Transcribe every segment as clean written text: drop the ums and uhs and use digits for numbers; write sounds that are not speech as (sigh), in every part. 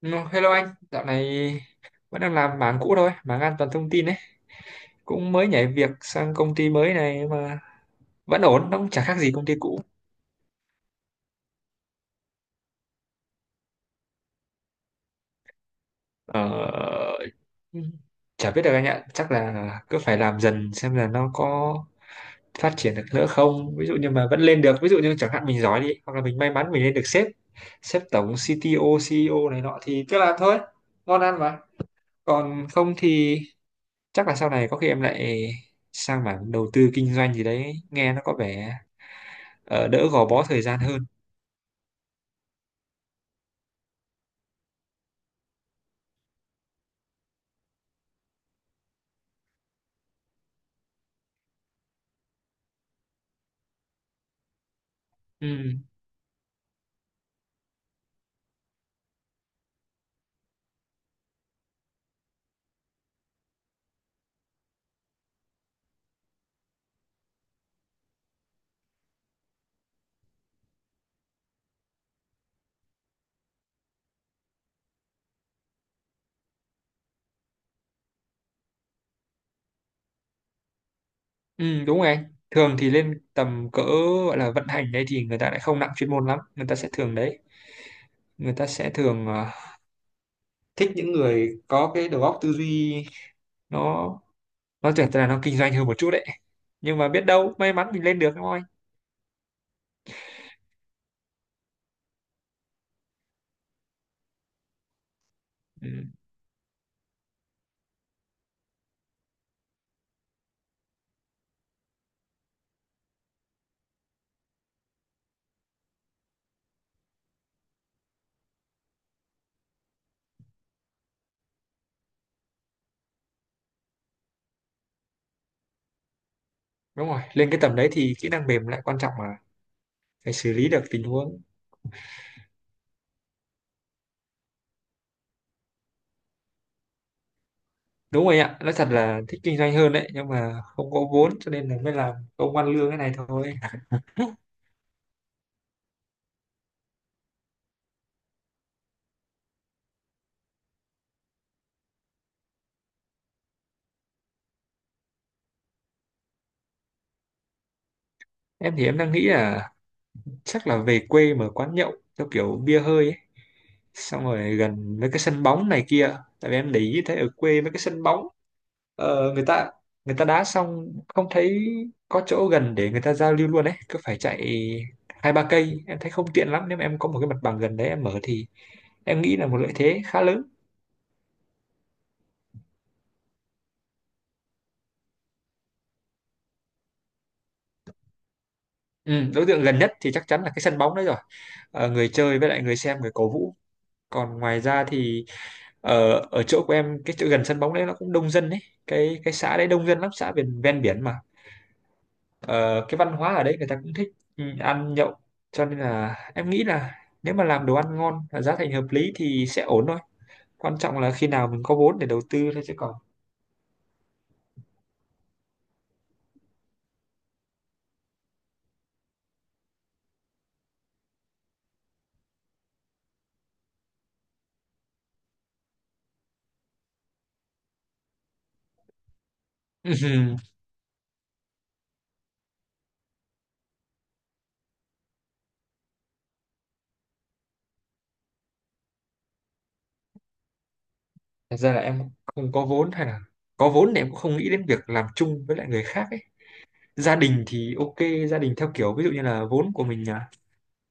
No, hello anh, dạo này vẫn đang làm mảng cũ thôi, mảng an toàn thông tin ấy. Cũng mới nhảy việc sang công ty mới này mà vẫn ổn, nó cũng chả khác gì công ty cũ. Ờ, Chả biết được anh ạ, chắc là cứ phải làm dần xem là nó có phát triển được nữa không. Ví dụ như mà vẫn lên được, ví dụ như chẳng hạn mình giỏi đi, hoặc là mình may mắn mình lên được sếp, sếp tổng, CTO, CEO này nọ thì cứ làm thôi, ngon ăn mà. Còn không thì chắc là sau này có khi em lại sang mảng đầu tư kinh doanh gì đấy nghe nó có vẻ đỡ gò bó thời gian hơn. Ừ. Ừ, đúng rồi anh, thường thì lên tầm cỡ gọi là vận hành đấy thì người ta lại không nặng chuyên môn lắm, người ta sẽ thường đấy, người ta sẽ thường thích những người có cái đầu óc tư duy nó nó tưởng là nó kinh doanh hơn một chút đấy, nhưng mà biết đâu may mắn mình lên được đúng không anh. Ừ, đúng rồi, lên cái tầm đấy thì kỹ năng mềm lại quan trọng mà, phải xử lý được tình huống. Đúng rồi ạ, nói thật là thích kinh doanh hơn đấy, nhưng mà không có vốn cho nên là mới làm công ăn lương cái này thôi. (laughs) Em thì em đang nghĩ là chắc là về quê mở quán nhậu theo kiểu bia hơi ấy. Xong rồi gần mấy cái sân bóng này kia, tại vì em để ý thấy ở quê mấy cái sân bóng, người ta, người ta đá xong không thấy có chỗ gần để người ta giao lưu luôn ấy, cứ phải chạy hai ba cây, em thấy không tiện lắm. Nếu mà em có một cái mặt bằng gần đấy em mở thì em nghĩ là một lợi thế khá lớn. Ừ, đối tượng gần nhất thì chắc chắn là cái sân bóng đấy rồi. Ờ, người chơi với lại người xem, người cổ vũ. Còn ngoài ra thì ở ở chỗ của em, cái chỗ gần sân bóng đấy nó cũng đông dân đấy, cái xã đấy đông dân lắm, xã ven ven biển mà. Ờ, cái văn hóa ở đấy người ta cũng thích, ừ, ăn nhậu, cho nên là em nghĩ là nếu mà làm đồ ăn ngon và giá thành hợp lý thì sẽ ổn thôi, quan trọng là khi nào mình có vốn để đầu tư thôi chứ còn. (laughs) Ừm, Thật ra là em không có vốn, hay là có vốn thì em cũng không nghĩ đến việc làm chung với lại người khác ấy. Gia đình thì ok, gia đình theo kiểu ví dụ như là vốn của mình à,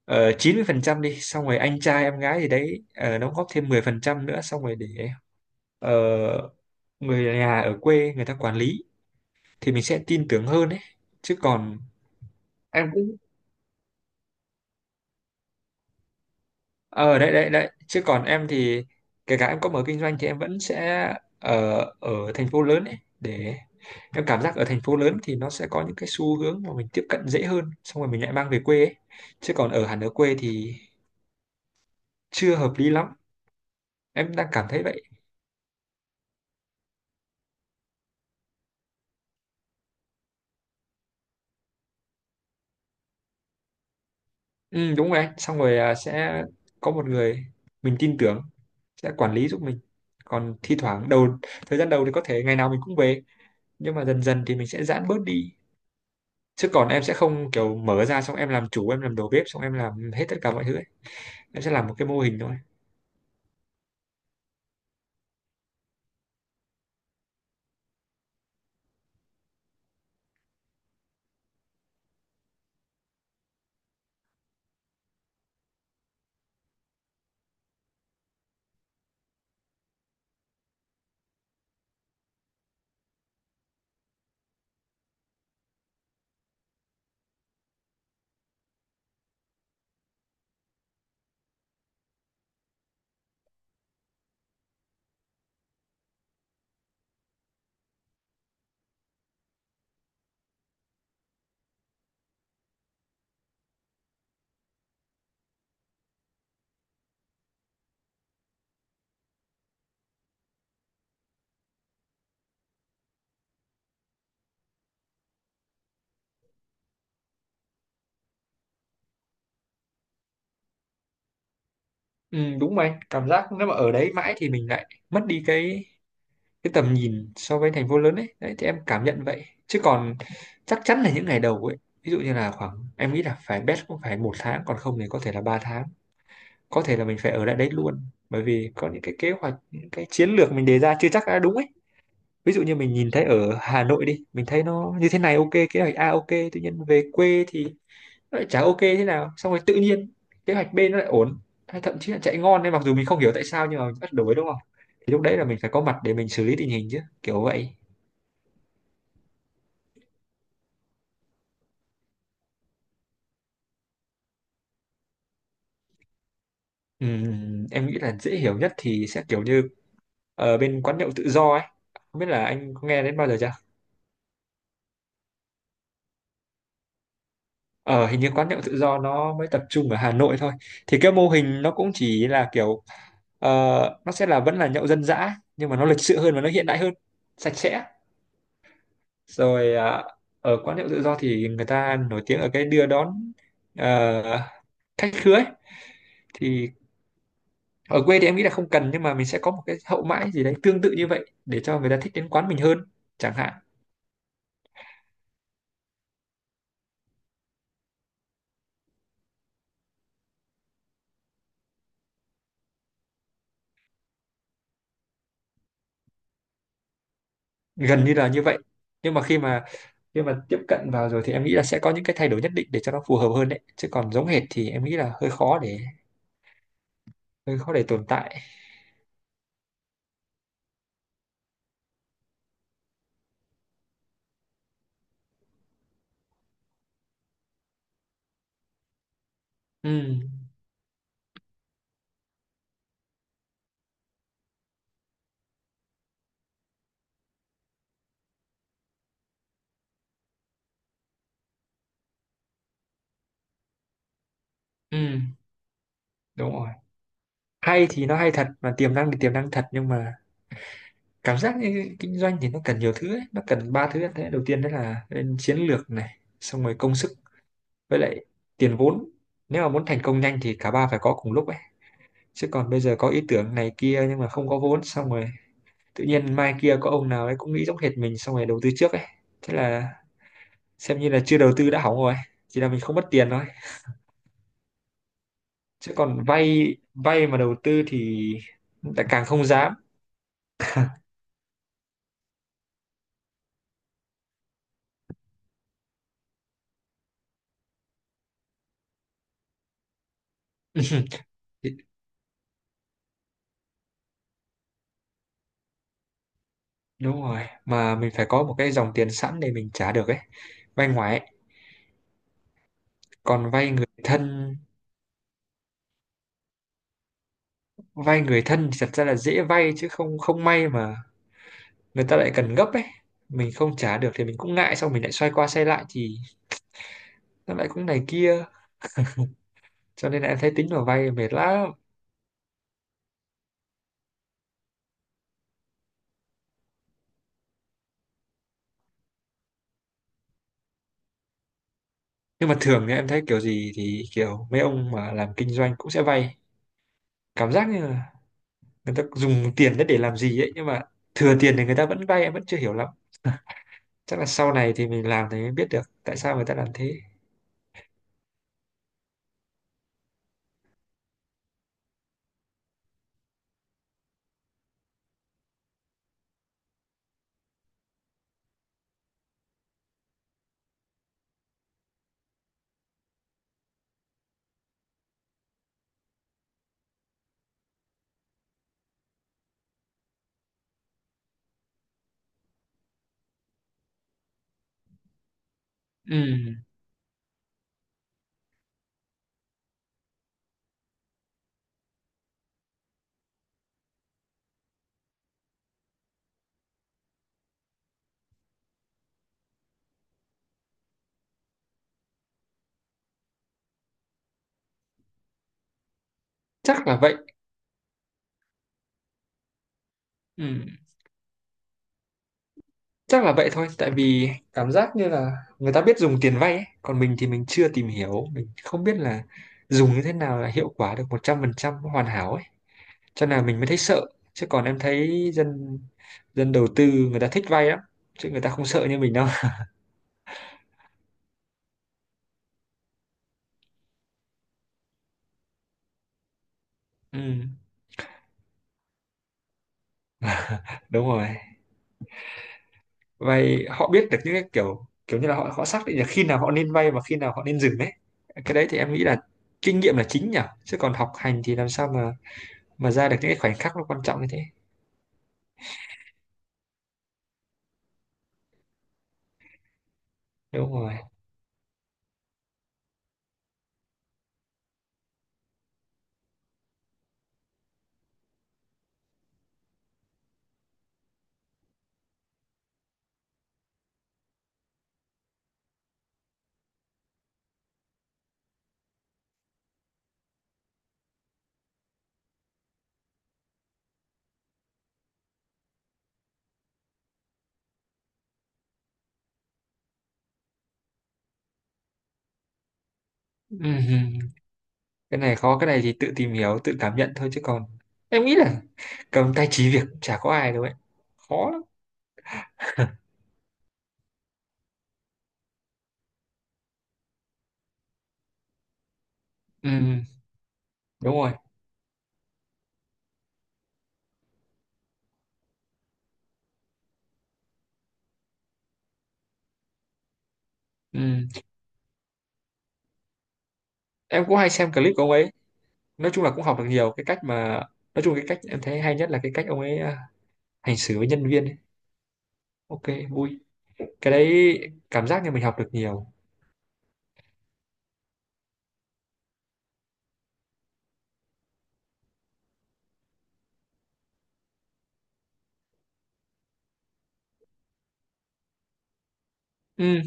ờ, 90% đi, xong rồi anh trai em gái gì đấy đóng góp thêm 10% nữa, xong rồi để ờ, người nhà ở quê người ta quản lý thì mình sẽ tin tưởng hơn đấy, chứ còn em cũng. Ờ đấy đấy đấy, chứ còn em thì kể cả em có mở kinh doanh thì em vẫn sẽ ở ở thành phố lớn ấy, để em cảm giác ở thành phố lớn thì nó sẽ có những cái xu hướng mà mình tiếp cận dễ hơn, xong rồi mình lại mang về quê ấy. Chứ còn ở hẳn ở quê thì chưa hợp lý lắm, em đang cảm thấy vậy. Ừ, đúng rồi anh, xong rồi sẽ có một người mình tin tưởng sẽ quản lý giúp mình, còn thi thoảng đầu, thời gian đầu thì có thể ngày nào mình cũng về, nhưng mà dần dần thì mình sẽ giãn bớt đi. Chứ còn em sẽ không kiểu mở ra xong em làm chủ, em làm đầu bếp, xong em làm hết tất cả mọi thứ ấy. Em sẽ làm một cái mô hình thôi. Ừ, đúng rồi anh, cảm giác nếu mà ở đấy mãi thì mình lại mất đi cái tầm nhìn so với thành phố lớn ấy, đấy thì em cảm nhận vậy, chứ còn chắc chắn là những ngày đầu ấy, ví dụ như là khoảng em nghĩ là phải best cũng phải một tháng, còn không thì có thể là ba tháng, có thể là mình phải ở lại đấy luôn, bởi vì có những cái kế hoạch, những cái chiến lược mình đề ra chưa chắc đã đúng ấy. Ví dụ như mình nhìn thấy ở Hà Nội đi, mình thấy nó như thế này, ok kế hoạch A ok, tự nhiên về quê thì nó lại chả ok thế nào, xong rồi tự nhiên kế hoạch B nó lại ổn, hay thậm chí là chạy ngon nên mặc dù mình không hiểu tại sao nhưng mà mình bắt đổi đúng không, thì lúc đấy là mình phải có mặt để mình xử lý tình hình chứ kiểu vậy. Em nghĩ là dễ hiểu nhất thì sẽ kiểu như ở bên quán nhậu tự do ấy, không biết là anh có nghe đến bao giờ chưa. Ờ hình như quán nhậu tự do nó mới tập trung ở Hà Nội thôi, thì cái mô hình nó cũng chỉ là kiểu, ờ, nó sẽ là vẫn là nhậu dân dã nhưng mà nó lịch sự hơn và nó hiện đại hơn, sạch sẽ, rồi ở quán nhậu tự do thì người ta nổi tiếng ở cái đưa đón ờ, khách khứa ấy. Thì ở quê thì em nghĩ là không cần, nhưng mà mình sẽ có một cái hậu mãi gì đấy tương tự như vậy để cho người ta thích đến quán mình hơn chẳng hạn. Gần như là như vậy, nhưng mà khi mà tiếp cận vào rồi thì em nghĩ là sẽ có những cái thay đổi nhất định để cho nó phù hợp hơn đấy, chứ còn giống hệt thì em nghĩ là hơi khó để tồn tại. Ừ, ừ đúng rồi, hay thì nó hay thật, mà tiềm năng thì tiềm năng thật, nhưng mà cảm giác như kinh doanh thì nó cần nhiều thứ ấy. Nó cần ba thứ, thế đầu tiên đó là lên chiến lược này, xong rồi công sức, với lại tiền vốn, nếu mà muốn thành công nhanh thì cả ba phải có cùng lúc ấy. Chứ còn bây giờ có ý tưởng này kia nhưng mà không có vốn, xong rồi tự nhiên mai kia có ông nào ấy cũng nghĩ giống hệt mình xong rồi đầu tư trước ấy, thế là xem như là chưa đầu tư đã hỏng rồi, chỉ là mình không mất tiền thôi. Chứ còn vay vay mà đầu tư thì lại càng không dám. (laughs) Thì- đúng rồi, mà mình phải có một cái dòng tiền sẵn để mình trả được ấy, vay ngoài ấy. Còn vay người thân, vay người thân thì thật ra là dễ vay, chứ không không may mà người ta lại cần gấp ấy, mình không trả được thì mình cũng ngại, xong mình lại xoay qua xoay lại thì nó lại cũng này kia, cho nên là em thấy tính vào vay mệt lắm. Nhưng mà thường thì em thấy kiểu gì thì kiểu mấy ông mà làm kinh doanh cũng sẽ vay, cảm giác như là người ta dùng tiền đấy để làm gì ấy, nhưng mà thừa tiền thì người ta vẫn vay, em vẫn chưa hiểu lắm, chắc là sau này thì mình làm thì mới biết được tại sao người ta làm thế. Ừ chắc là vậy. Ừ, chắc là vậy thôi, tại vì cảm giác như là người ta biết dùng tiền vay ấy, còn mình thì mình chưa tìm hiểu, mình không biết là dùng như thế nào là hiệu quả được 100% hoàn hảo ấy, cho nên là mình mới thấy sợ. Chứ còn em thấy dân dân đầu tư người ta thích vay lắm, chứ người ta không sợ như mình đâu. (laughs) Ừ, đúng rồi. Vay họ biết được những cái kiểu kiểu như là họ họ xác định là khi nào họ nên vay và khi nào họ nên dừng đấy. Cái đấy thì em nghĩ là kinh nghiệm là chính nhỉ, chứ còn học hành thì làm sao mà ra được những cái khoảnh khắc nó quan trọng như thế. Đúng rồi. Ừm, Cái này khó, cái này thì tự tìm hiểu, tự cảm nhận thôi, chứ còn em nghĩ là cầm tay chỉ việc cũng chả có ai đâu ấy. Khó lắm. Ừm, đúng rồi. Ừm, Em cũng hay xem clip của ông ấy. Nói chung là cũng học được nhiều cái cách mà, nói chung cái cách em thấy hay nhất là cái cách ông ấy hành xử với nhân viên ấy. Ok, vui. Cái đấy cảm giác như mình học được nhiều. Ừm,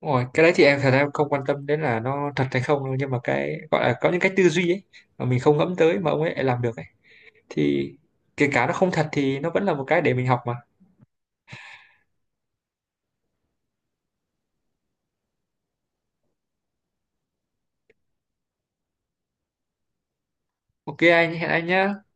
đúng rồi, cái đấy thì em thật ra em không quan tâm đến là nó thật hay không đâu, nhưng mà cái gọi là có những cái tư duy ấy mà mình không ngẫm tới mà ông ấy lại làm được ấy, thì kể cả nó không thật thì nó vẫn là một cái để mình học mà. Ok anh, hẹn anh nhá.